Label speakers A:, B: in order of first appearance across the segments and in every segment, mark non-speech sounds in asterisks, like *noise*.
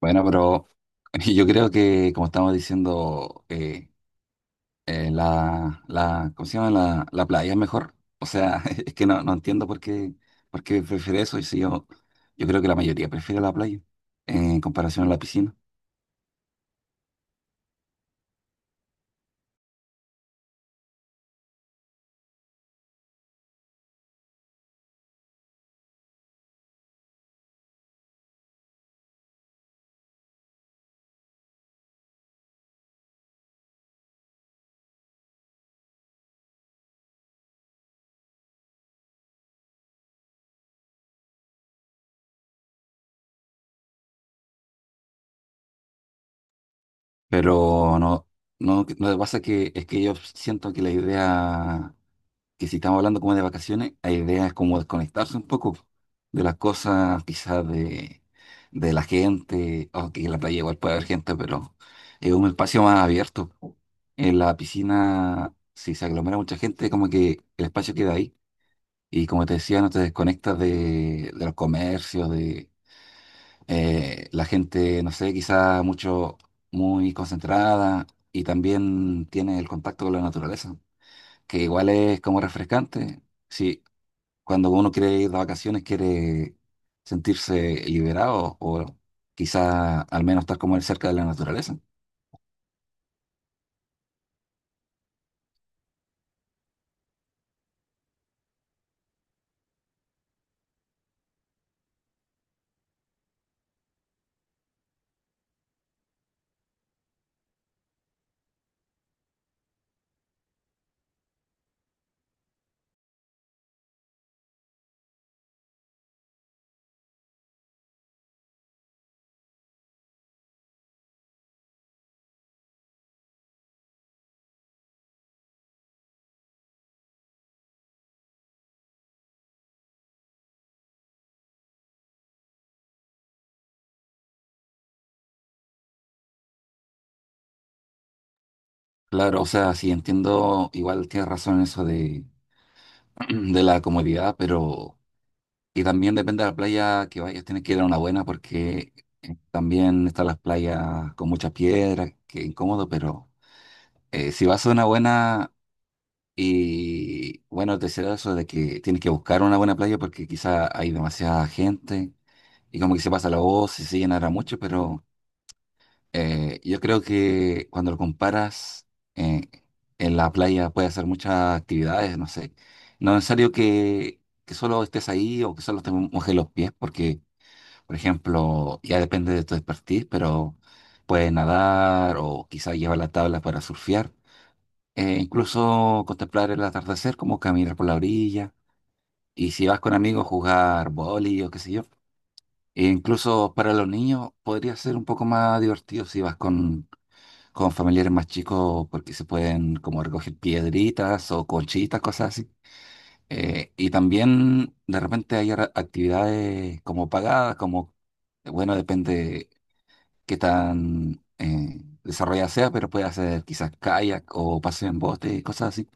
A: Bueno, pero *laughs* yo creo que, como estamos diciendo, ¿cómo se llama? La playa es mejor. O sea, *laughs* es que no entiendo por qué prefiere eso. Y si yo creo que la mayoría prefiere la playa en comparación a la piscina. Pero no pasa que es que yo siento que la idea que si estamos hablando como de vacaciones, la idea es como desconectarse un poco de las cosas, quizás de la gente, aunque en la playa igual puede haber gente, pero es un espacio más abierto. En la piscina, si se aglomera mucha gente, como que el espacio queda ahí. Y como te decía, no te desconectas de los comercios, de la gente, no sé, quizás mucho, muy concentrada. Y también tiene el contacto con la naturaleza, que igual es como refrescante. Sí, cuando uno quiere ir de vacaciones, quiere sentirse liberado o quizá al menos estar como él cerca de la naturaleza. Claro, o sea, sí entiendo, igual tienes razón en eso de, *clears throat* de la comodidad, pero y también depende de la playa que vayas, tienes que ir a una buena porque también están las playas con muchas piedras, que incómodo, pero si vas a una buena, y bueno, tercero, eso de que tienes que buscar una buena playa porque quizá hay demasiada gente y como que se pasa la voz y se llenará mucho, pero yo creo que cuando lo comparas eh, en la playa puedes hacer muchas actividades, no sé. No es necesario que solo estés ahí o que solo te mojes los pies porque, por ejemplo, ya depende de tu expertise, pero puedes nadar o quizá llevar la tabla para surfear. Incluso contemplar el atardecer, como caminar por la orilla, y si vas con amigos, jugar boli o qué sé yo. E incluso para los niños podría ser un poco más divertido si vas con familiares más chicos, porque se pueden como recoger piedritas o conchitas, cosas así. Y también de repente hay actividades como pagadas, como, bueno, depende qué tan desarrollada sea, pero puede hacer quizás kayak o paseo en bote, cosas así.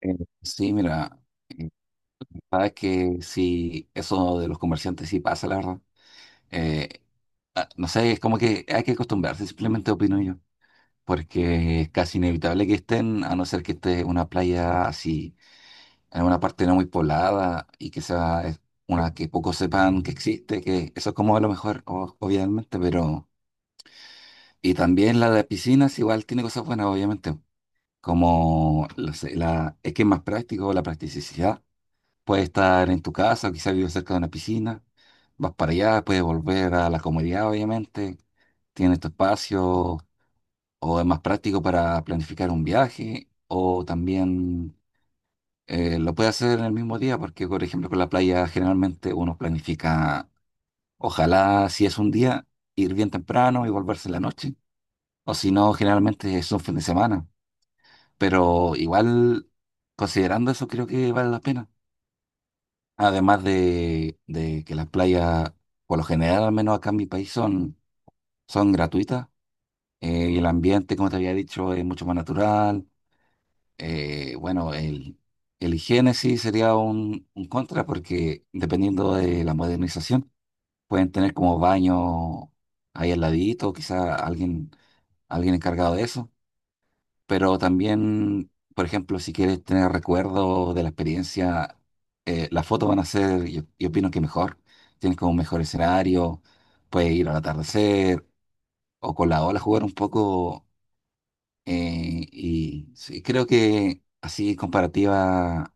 A: Eh, Sí, mira, eh, sabes que sí, eso de los comerciantes sí pasa, la verdad. Eh, ah, no sé, es como que hay que acostumbrarse, simplemente opino yo, porque es casi inevitable que estén, a no ser que esté una playa así, en una parte no muy poblada y que sea una que pocos sepan que existe, que eso es como lo mejor, obviamente, pero... Y también la de piscinas igual tiene cosas buenas, obviamente, como, no sé, es que es más práctico, la practicidad. Puedes estar en tu casa, o quizás vives cerca de una piscina, vas para allá, puedes volver a la comodidad, obviamente. Tienes tu espacio o es más práctico para planificar un viaje o también lo puedes hacer en el mismo día porque, por ejemplo, con la playa generalmente uno planifica, ojalá si es un día, ir bien temprano y volverse en la noche o si no, generalmente es un fin de semana. Pero igual, considerando eso, creo que vale la pena. Además de que las playas, por lo general, al menos acá en mi país, son gratuitas. Eh, y el ambiente, como te había dicho, es mucho más natural. Bueno, el higiene sí sería un contra porque dependiendo de la modernización, pueden tener como baño ahí al ladito, quizá alguien, alguien encargado de eso. Pero también, por ejemplo, si quieres tener recuerdos de la experiencia, las fotos van a ser, yo opino que mejor. Tienes como un mejor escenario, puedes ir al atardecer o con la ola jugar un poco. Eh, y sí, creo que así comparativa,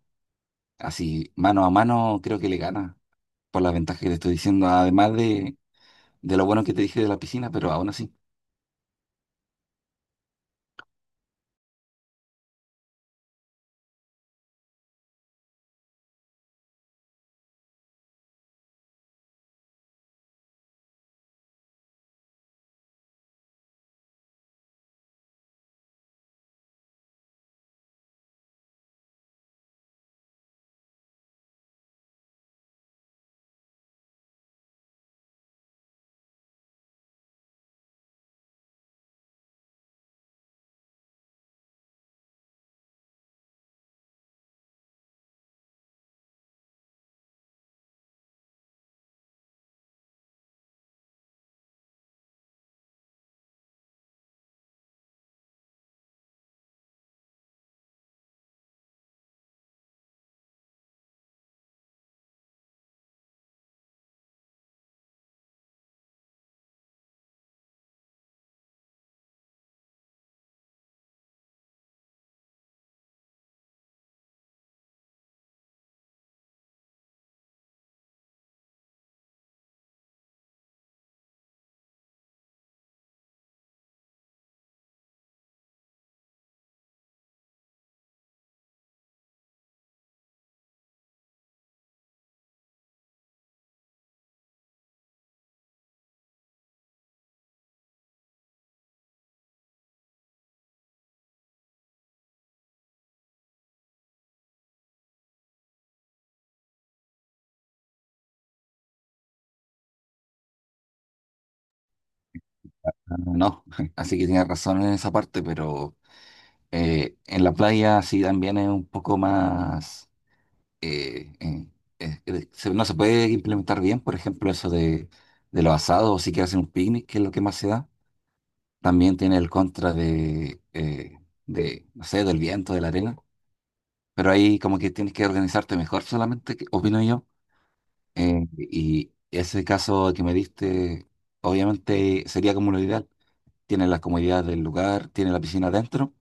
A: así mano a mano, creo que le gana por las ventajas que te estoy diciendo, además de lo bueno que te dije de la piscina, pero aún así, no. *laughs* Así que tienes razón en esa parte, pero... en la playa sí también es un poco más... eh, eh, no se puede implementar bien, por ejemplo, eso de los asados, o sí que hacen un picnic, que es lo que más se da. También tiene el contra de, no sé, del viento, de la arena. Pero ahí como que tienes que organizarte mejor solamente, opino yo. Y ese caso que me diste, obviamente sería como lo ideal. Tiene la comodidad del lugar, tiene la piscina adentro.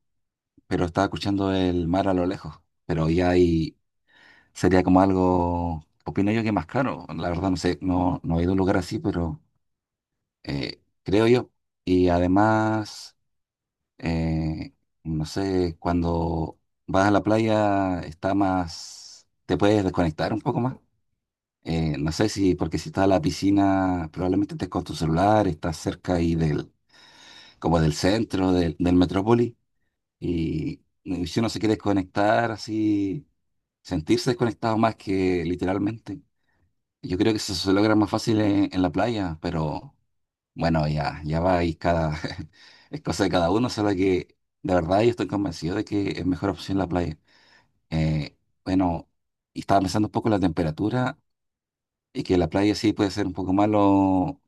A: Pero estaba escuchando el mar a lo lejos. Pero ya ahí sería como algo, opino yo que más caro. La verdad no sé, no he ido a un lugar así, pero creo yo. Y además, eh, no sé, cuando vas a la playa está más, te puedes desconectar un poco más. No sé si, porque si estás a la piscina, probablemente estés con tu celular, estás cerca ahí del, como del centro, del metrópoli. Y y si uno se quiere desconectar así sentirse desconectado más que literalmente. Yo creo que eso se logra más fácil en la playa, pero bueno, ya va y cada, *laughs* es cosa de cada uno, solo que de verdad yo estoy convencido de que es mejor opción la playa. Eh, bueno, y estaba pensando un poco en la temperatura y que la playa sí puede ser un poco malo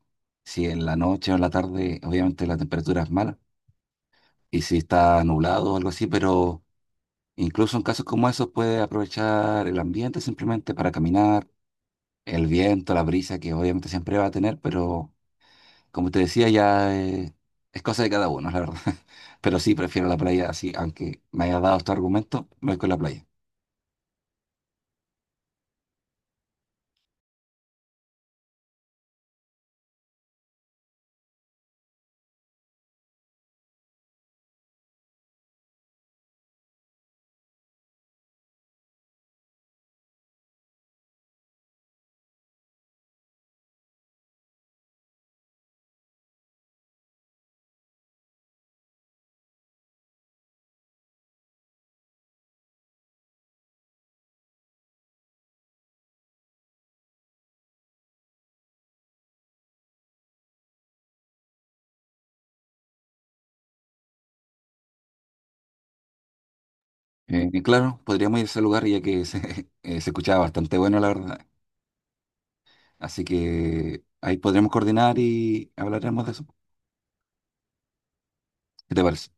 A: si en la noche o en la tarde, obviamente la temperatura es mala y si está nublado o algo así, pero incluso en casos como esos puede aprovechar el ambiente simplemente para caminar el viento, la brisa que obviamente siempre va a tener, pero como te decía, ya es cosa de cada uno, la verdad. *laughs* Pero sí, prefiero la playa así, aunque me haya dado este argumento, me voy con la playa. Y claro, podríamos ir a ese lugar ya que se, *laughs* se escuchaba bastante bueno, la verdad. Así que ahí podremos coordinar y hablaremos de eso. ¿Qué te parece?